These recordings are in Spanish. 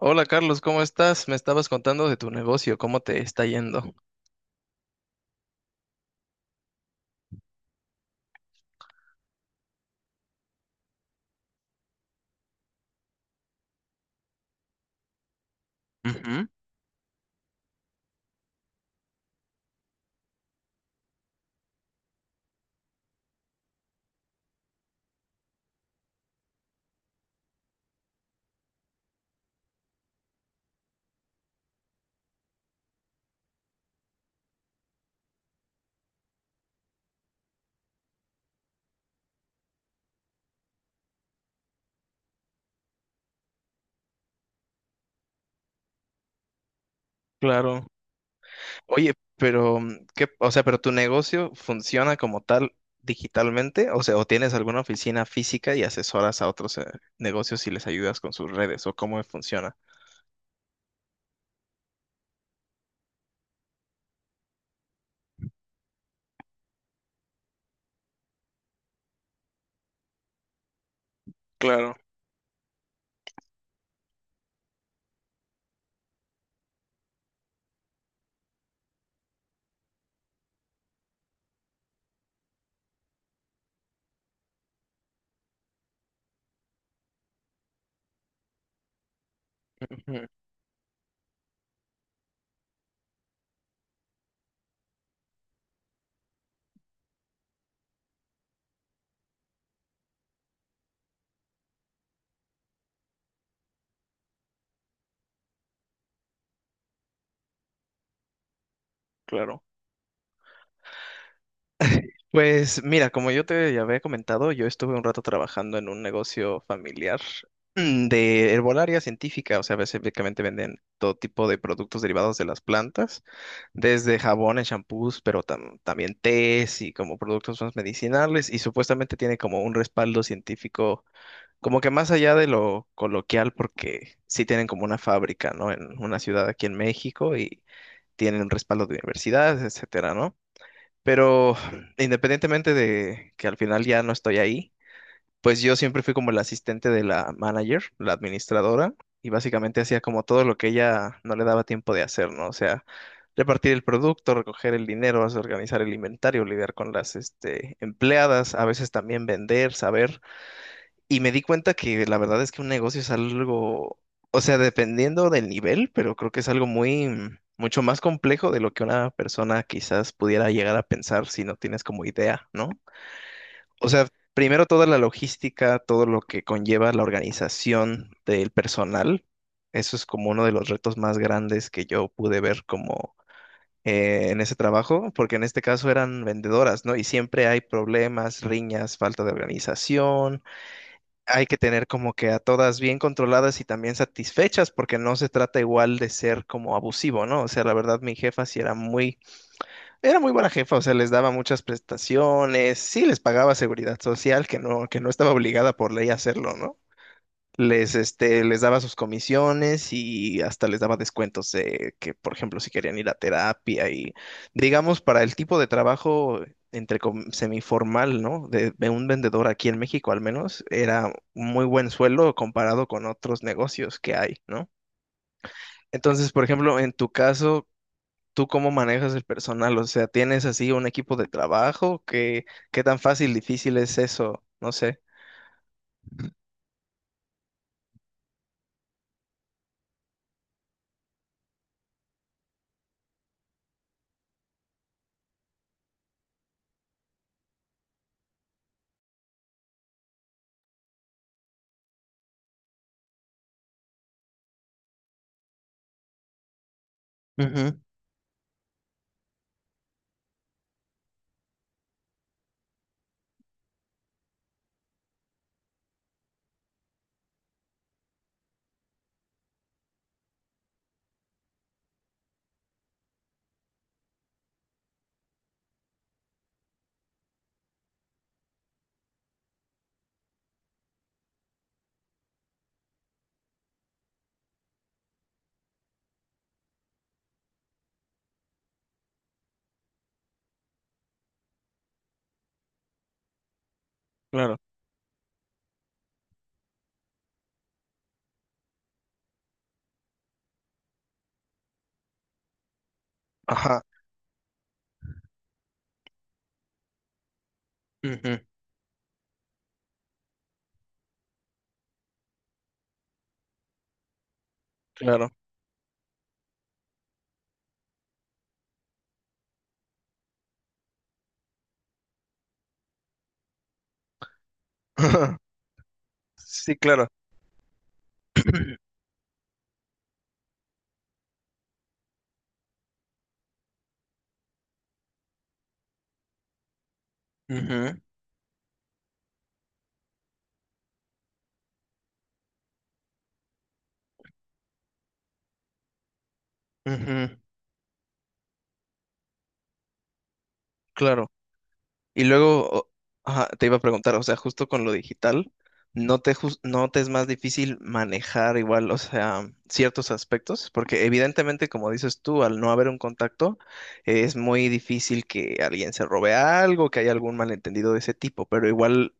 Hola Carlos, ¿cómo estás? Me estabas contando de tu negocio, ¿cómo te está yendo? Ujú. Claro. Oye, pero ¿qué, o sea, pero tu negocio funciona como tal digitalmente? O sea, ¿o tienes alguna oficina física y asesoras a otros negocios y les ayudas con sus redes o cómo funciona? Claro, ujú, claro. Pues mira, como yo te ya había comentado, yo estuve un rato trabajando en un negocio familiar de herbolaria científica, o sea, básicamente venden todo tipo de productos derivados de las plantas, desde jabones, champús, pero también tés y como productos más medicinales, y supuestamente tiene como un respaldo científico, como que más allá de lo coloquial, porque sí tienen como una fábrica, ¿no? En una ciudad aquí en México y tienen un respaldo de universidades, etcétera, ¿no? Pero independientemente de que al final ya no estoy ahí, pues yo siempre fui como el asistente de la manager, la administradora, y básicamente hacía como todo lo que ella no le daba tiempo de hacer, ¿no? O sea, repartir el producto, recoger el dinero, organizar el inventario, lidiar con las, este, empleadas, a veces también vender, saber y me di cuenta que la verdad es que un negocio es algo, o sea, dependiendo del nivel, pero creo que es algo muy, mucho más complejo de lo que una persona quizás pudiera llegar a pensar si no tienes como idea, ¿no? O sea, primero toda la logística, todo lo que conlleva la organización del personal, eso es como uno de los retos más grandes que yo pude ver como en ese trabajo, porque en este caso eran vendedoras, ¿no? Y siempre hay problemas, riñas, falta de organización. Hay que tener como que a todas bien controladas y también satisfechas, porque no se trata igual de ser como abusivo, ¿no? O sea, la verdad, mi jefa sí era muy buena jefa, o sea, les daba muchas prestaciones, sí les pagaba seguridad social, que no estaba obligada por ley a hacerlo, ¿no? Les, este, les daba sus comisiones y hasta les daba descuentos de que, por ejemplo, si querían ir a terapia y, digamos, para el tipo de trabajo entre semiformal, ¿no? De un vendedor aquí en México al menos, era un muy buen sueldo comparado con otros negocios que hay, ¿no? Entonces, por ejemplo, en tu caso, ¿tú cómo manejas el personal? O sea, ¿tienes así un equipo de trabajo? ¿Qué, qué tan fácil, difícil es eso? No sé. Ujú, claro. Ajá. Ujú, claro. Sí, claro. Ujú, ujú, claro. Y luego, ajá, te iba a preguntar, o sea, justo con lo digital, ¿no te, no te es más difícil manejar igual, o sea, ciertos aspectos? Porque evidentemente, como dices tú, al no haber un contacto, es muy difícil que alguien se robe algo, que haya algún malentendido de ese tipo, pero igual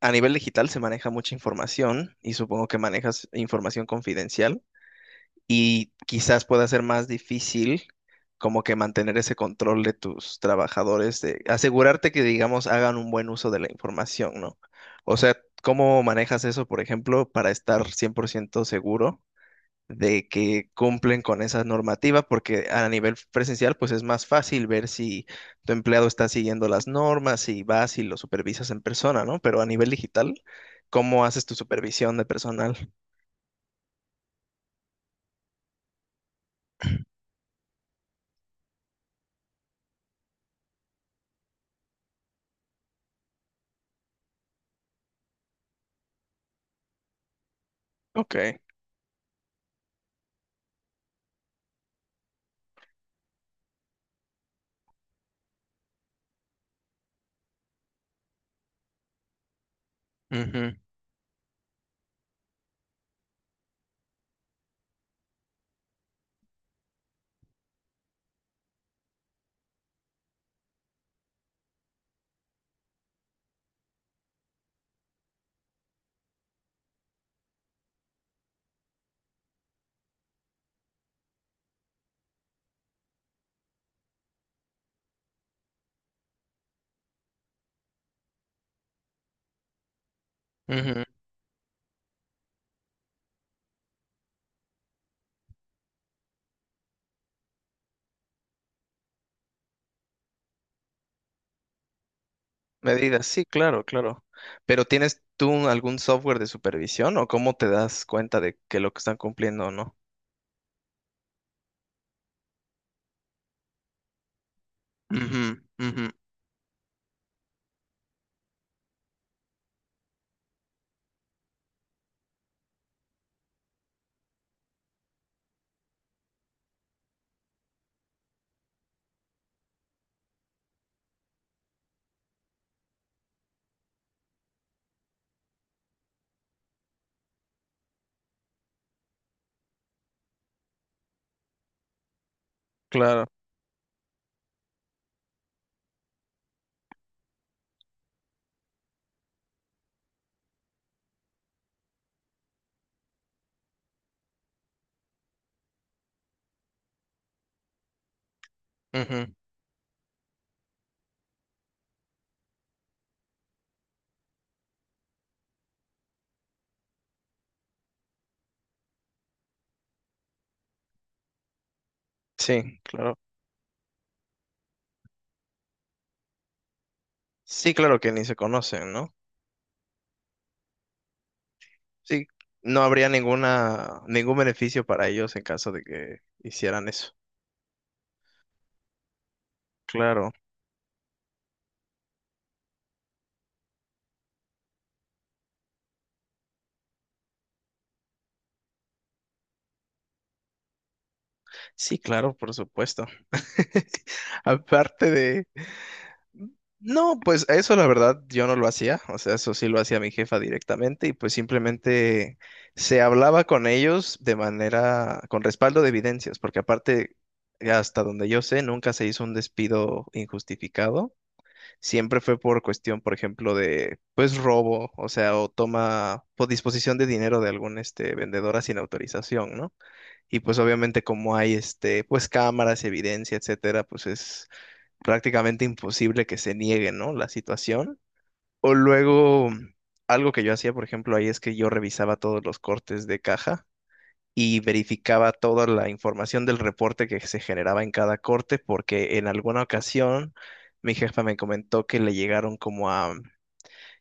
a nivel digital se maneja mucha información y supongo que manejas información confidencial. Y quizás pueda ser más difícil como que mantener ese control de tus trabajadores, de asegurarte que, digamos, hagan un buen uso de la información, ¿no? O sea, ¿cómo manejas eso, por ejemplo, para estar 100% seguro de que cumplen con esa normativa? Porque a nivel presencial, pues es más fácil ver si tu empleado está siguiendo las normas, y vas y lo supervisas en persona, ¿no? Pero a nivel digital, ¿cómo haces tu supervisión de personal? Ok. Ujú, ujú. Medidas, sí, claro, claro. Pero ¿tienes tú algún software de supervisión o cómo te das cuenta de que lo que están cumpliendo o no? Ujú, ujú, claro. Ujú, sí, claro. Sí, claro que ni se conocen, ¿no? Sí, no habría ninguna, ningún beneficio para ellos en caso de que hicieran eso. Claro. Sí, claro, por supuesto. Aparte de, no, pues eso la verdad yo no lo hacía, o sea, eso sí lo hacía mi jefa directamente y pues simplemente se hablaba con ellos de manera, con respaldo de evidencias, porque aparte, hasta donde yo sé, nunca se hizo un despido injustificado, siempre fue por cuestión, por ejemplo, de pues robo, o sea, o toma por disposición de dinero de algún este vendedora sin autorización, ¿no? Y pues obviamente como hay este pues cámaras, evidencia, etcétera, pues es prácticamente imposible que se niegue, ¿no? La situación. O luego, algo que yo hacía, por ejemplo, ahí es que yo revisaba todos los cortes de caja y verificaba toda la información del reporte que se generaba en cada corte, porque en alguna ocasión mi jefa me comentó que le llegaron como a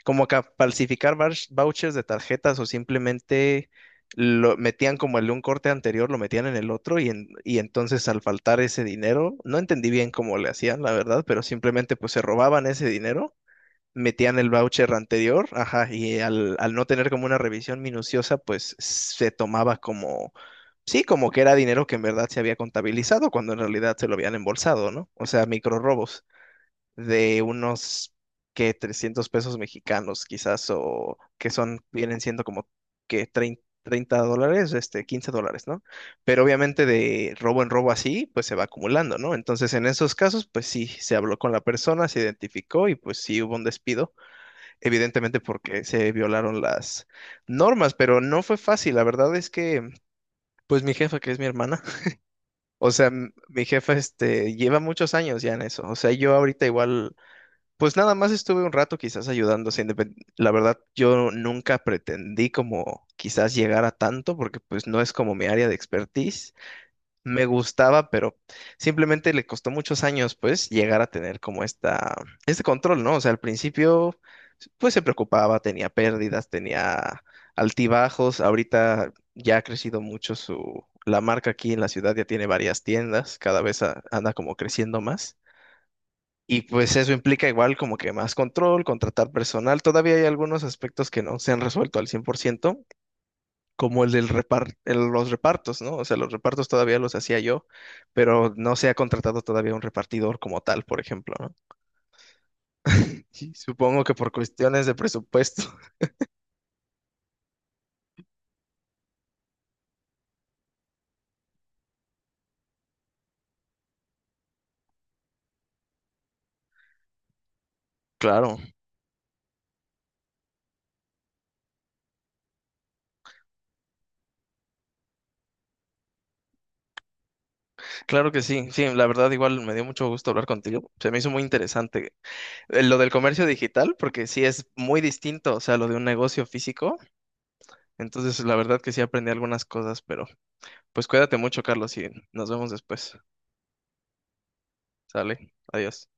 como que falsificar vouchers de tarjetas o simplemente lo metían como el de un corte anterior, lo metían en el otro y, y entonces al faltar ese dinero, no entendí bien cómo le hacían, la verdad, pero simplemente pues se robaban ese dinero, metían el voucher anterior, ajá, y al, al no tener como una revisión minuciosa, pues se tomaba como, sí, como que era dinero que en verdad se había contabilizado cuando en realidad se lo habían embolsado, ¿no? O sea, micro de unos que 300 pesos mexicanos quizás o que son vienen siendo como que 30, $30, este $15, ¿no? Pero obviamente de robo en robo así, pues se va acumulando, ¿no? Entonces en esos casos, pues sí, se habló con la persona, se identificó y pues sí hubo un despido, evidentemente porque se violaron las normas, pero no fue fácil, la verdad es que pues mi jefa, que es mi hermana, o sea, mi jefa este lleva muchos años ya en eso. O sea, yo ahorita igual pues nada más estuve un rato quizás ayudando, sin depend- la verdad yo nunca pretendí como quizás llegar a tanto porque pues no es como mi área de expertise. Me gustaba, pero simplemente le costó muchos años pues llegar a tener como esta este control, ¿no? O sea, al principio pues se preocupaba, tenía pérdidas, tenía altibajos. Ahorita ya ha crecido mucho su la marca aquí en la ciudad, ya tiene varias tiendas, cada vez anda como creciendo más. Y pues eso implica igual como que más control, contratar personal. Todavía hay algunos aspectos que no se han resuelto al 100% como el del los repartos, ¿no? O sea, los repartos todavía los hacía yo, pero no se ha contratado todavía un repartidor como tal, por ejemplo, ¿no? Y supongo que por cuestiones de presupuesto. Claro, claro que sí. Sí, la verdad igual me dio mucho gusto hablar contigo. Se me hizo muy interesante lo del comercio digital, porque sí es muy distinto, o sea, lo de un negocio físico. Entonces, la verdad que sí aprendí algunas cosas, pero... Pues cuídate mucho, Carlos, y nos vemos después. Sale, adiós.